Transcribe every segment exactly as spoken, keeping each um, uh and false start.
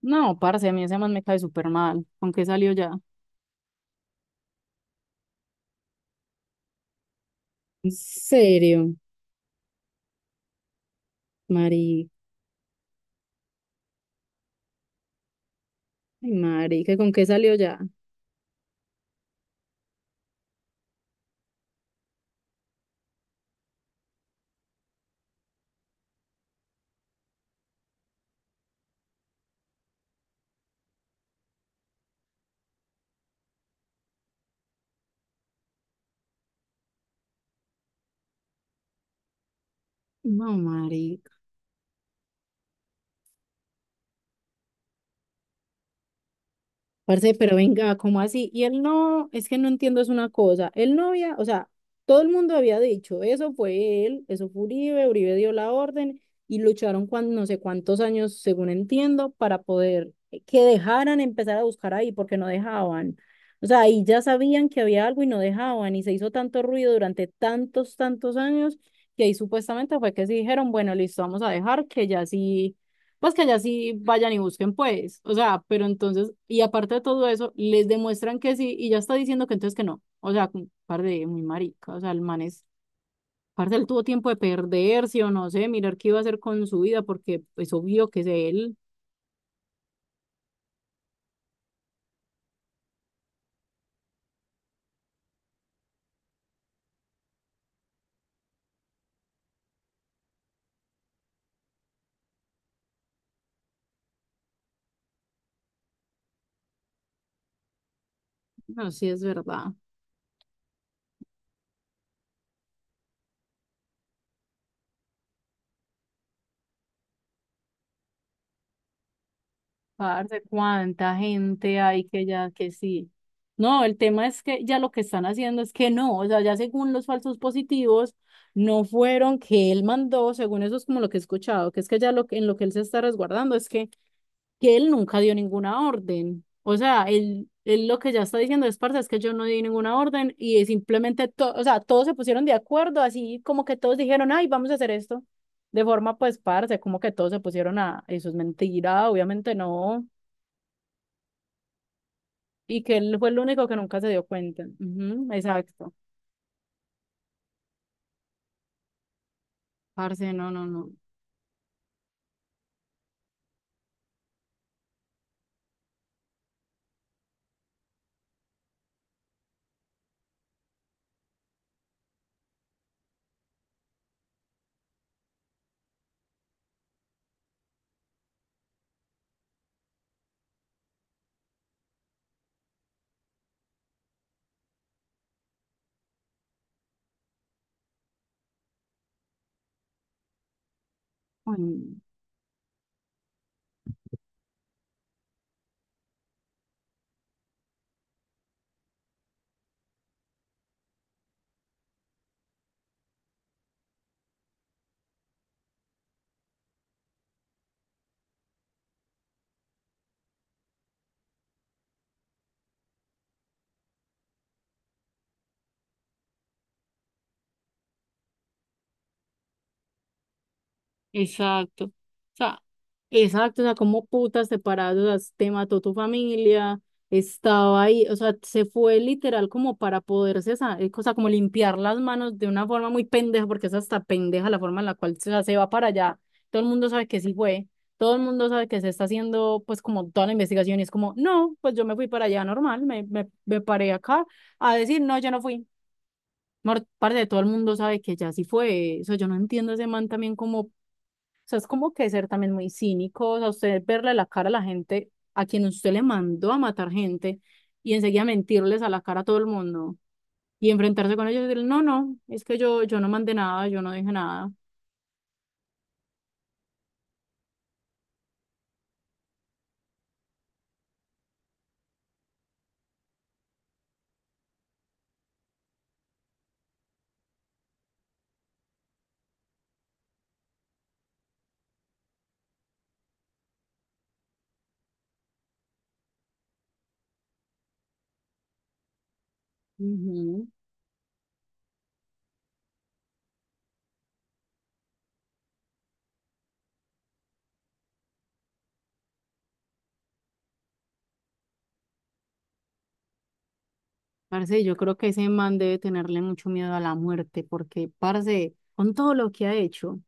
No, parce, a mí ese man me cae súper mal. ¿Con qué salió ya? ¿En serio, Mari? Ay, Mari, ¿que con qué salió ya? No, Mari. Parce, pero venga, ¿cómo así? Y él no, es que no entiendo, es una cosa. Él no había, o sea, todo el mundo había dicho, eso fue él, eso fue Uribe, Uribe dio la orden y lucharon cuando, no sé cuántos años, según entiendo, para poder que dejaran empezar a buscar ahí, porque no dejaban. O sea, ahí ya sabían que había algo y no dejaban, y se hizo tanto ruido durante tantos, tantos años, que ahí supuestamente fue que sí dijeron, bueno, listo, vamos a dejar que ya sí pues que allá sí vayan y busquen, pues. O sea, pero entonces, y aparte de todo eso, les demuestran que sí, y ya está diciendo que entonces que no. O sea, como, par de muy marica. O sea, el man es, parte él tuvo tiempo de perderse o no sé, mirar qué iba a hacer con su vida, porque es obvio que es él. No, sí es verdad. Parce, cuánta gente hay que ya que sí. No, el tema es que ya lo que están haciendo es que no, o sea, ya según los falsos positivos, no fueron que él mandó, según eso es como lo que he escuchado, que es que ya lo que en lo que él se está resguardando es que, que él nunca dio ninguna orden. O sea, él, él lo que ya está diciendo es, parce, es que yo no di ninguna orden y es simplemente, to- o sea, todos se pusieron de acuerdo, así como que todos dijeron, ay, vamos a hacer esto. De forma, pues, parce, como que todos se pusieron a, eso es mentira, obviamente no. Y que él fue el único que nunca se dio cuenta. Ujú, exacto. Parce, no, no, no. Ay, no. Exacto. O sea, exacto. O sea, como putas separados, o sea, te mató tu familia, estaba ahí. O sea, se fue literal como para poderse, sa- eh, o sea, como limpiar las manos de una forma muy pendeja, porque es hasta pendeja la forma en la cual se, o sea, se va para allá. Todo el mundo sabe que sí fue. Todo el mundo sabe que se está haciendo, pues, como toda la investigación. Y es como, no, pues yo me fui para allá normal, me, me, me paré acá a decir, no, yo no fui. Mor- Parce, todo el mundo sabe que ya sí fue. O sea, yo no entiendo ese man también como, o sea, es como que ser también muy cínico, o sea, usted verle la cara a la gente a quien usted le mandó a matar gente y enseguida mentirles a la cara a todo el mundo y enfrentarse con ellos y decir, no, no, es que yo, yo no mandé nada, yo no dije nada. Ujú. Parce, yo creo que ese man debe tenerle mucho miedo a la muerte porque, parce, con todo lo que ha hecho.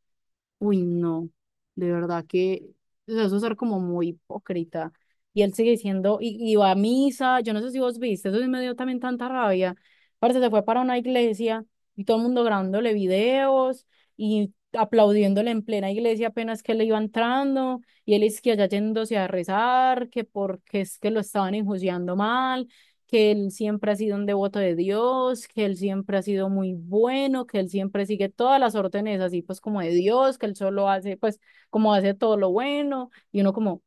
Uy, no, de verdad que, o sea, eso es ser como muy hipócrita. Y él sigue diciendo, y, y va a misa, yo no sé si vos viste, eso sí me dio también tanta rabia. Parece se fue para una iglesia y todo el mundo grabándole videos y aplaudiéndole en plena iglesia apenas que le iba entrando, y él es que allá yéndose a rezar, que porque es que lo estaban enjuiciando mal, que él siempre ha sido un devoto de Dios, que él siempre ha sido muy bueno, que él siempre sigue todas las órdenes así pues como de Dios, que él solo hace pues como hace todo lo bueno y uno como,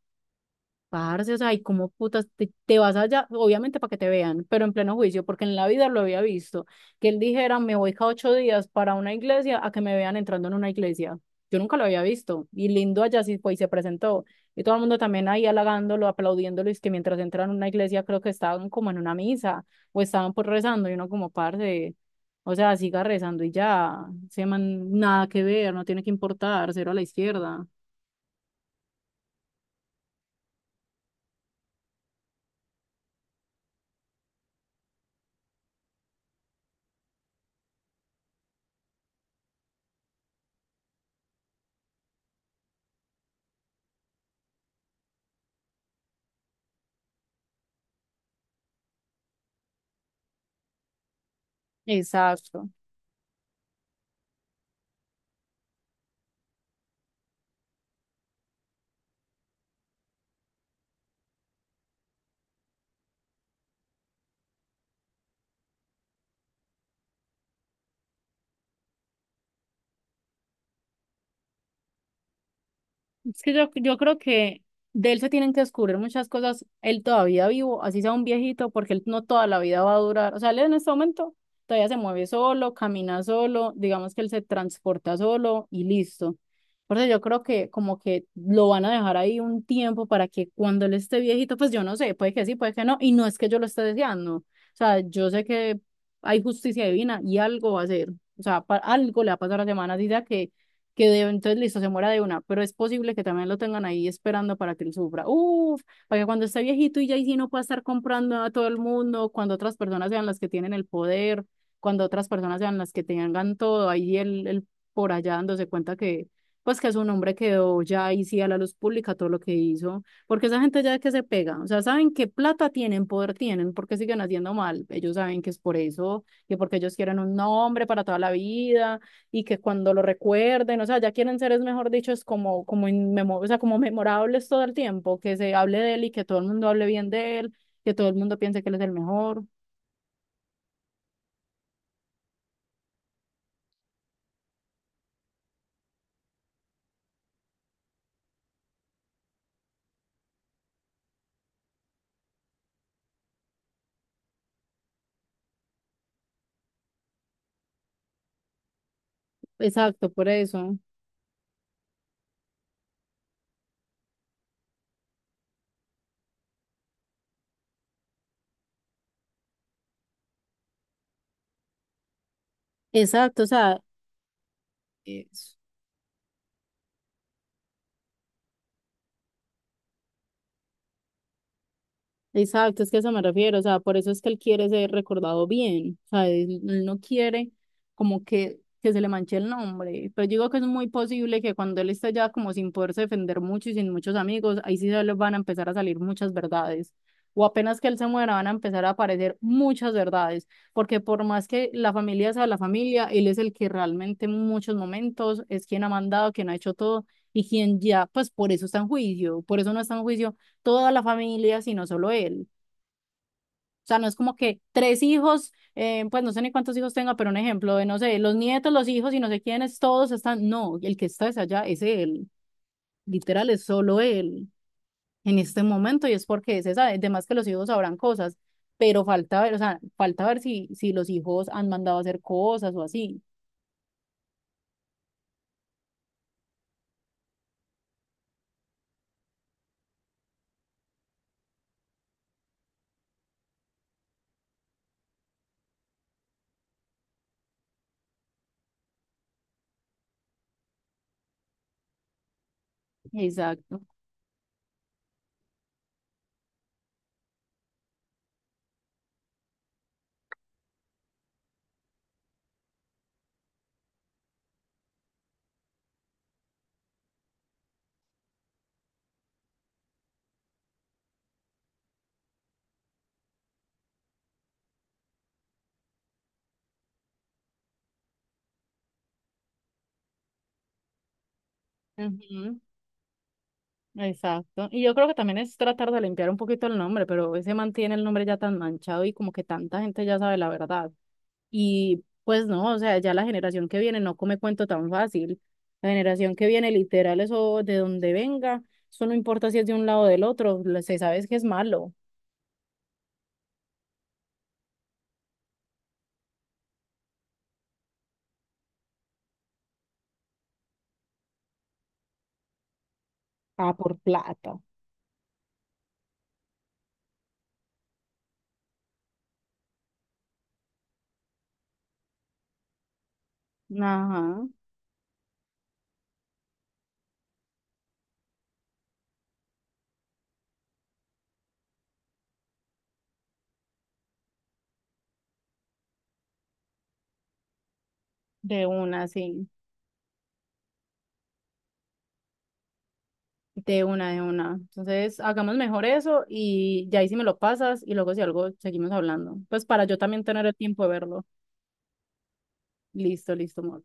parce, o sea, ¿y cómo putas te, te vas allá? Obviamente para que te vean, pero en pleno juicio, porque en la vida lo había visto. Que él dijera, me voy cada ocho días para una iglesia a que me vean entrando en una iglesia. Yo nunca lo había visto. Y lindo allá sí fue y se presentó. Y todo el mundo también ahí halagándolo, aplaudiéndolo. Y es que mientras entran en una iglesia, creo que estaban como en una misa o estaban por rezando. Y uno como, parce, o sea, siga rezando y ya. Se man, nada que ver, no tiene que importar, cero a la izquierda. Exacto. Es que yo, yo creo que de él se tienen que descubrir muchas cosas. Él todavía vivo, así sea un viejito, porque él no toda la vida va a durar. O sea, él en este momento todavía se mueve solo, camina solo, digamos que él se transporta solo y listo. Por eso yo creo que como que lo van a dejar ahí un tiempo para que cuando él esté viejito, pues yo no sé, puede que sí, puede que no. Y no es que yo lo esté deseando. O sea, yo sé que hay justicia divina y algo va a ser. O sea, pa- algo le va a pasar a la semana, diga que que de- entonces listo, se muera de una, pero es posible que también lo tengan ahí esperando para que él sufra. Uf, para que cuando esté viejito y ya ahí sí no pueda estar comprando a todo el mundo, cuando otras personas sean las que tienen el poder, cuando otras personas sean las que tengan todo, ahí él, él por allá dándose cuenta que, pues que su nombre quedó ya ahí sí a la luz pública todo lo que hizo, porque esa gente ya que se pega, o sea, saben que plata tienen, poder tienen, porque siguen haciendo mal, ellos saben que es por eso, que porque ellos quieren un nombre para toda la vida y que cuando lo recuerden, o sea, ya quieren ser, es mejor dicho, es como, como, inmemo- o sea, como memorables todo el tiempo, que se hable de él y que todo el mundo hable bien de él, que todo el mundo piense que él es el mejor. Exacto, por eso. Exacto, o sea, es- exacto, es que a eso me refiero, o sea, por eso es que él quiere ser recordado bien, o sea, él, él no quiere como que, que se le manche el nombre, pero yo digo que es muy posible que cuando él esté ya como sin poderse defender mucho y sin muchos amigos, ahí sí se les van a empezar a salir muchas verdades, o apenas que él se muera van a empezar a aparecer muchas verdades, porque por más que la familia sea la familia, él es el que realmente en muchos momentos es quien ha mandado, quien ha hecho todo y quien ya, pues por eso está en juicio, por eso no está en juicio toda la familia, sino solo él. O sea, no es como que tres hijos, eh, pues no sé ni cuántos hijos tenga, pero un ejemplo de, no sé, los nietos, los hijos y no sé quiénes, todos están, no, el que está es allá, es él, literal, es solo él en este momento y es porque es esa, además que los hijos sabrán cosas, pero falta ver, o sea, falta ver si, si los hijos han mandado a hacer cosas o así. Exacto. Ujú, exacto. Y yo creo que también es tratar de limpiar un poquito el nombre, pero ese mantiene el nombre ya tan manchado y como que tanta gente ya sabe la verdad. Y pues no, o sea, ya la generación que viene no come cuento tan fácil. La generación que viene, literal, eso de donde venga, eso no importa si es de un lado o del otro, lo- se sabe es que es malo. Ah, por plata. Ajá, de una, sí, de una, de una. Entonces, hagamos mejor eso y ya ahí si me lo pasas y luego si algo seguimos hablando. Pues para yo también tener el tiempo de verlo. Listo, listo, amor.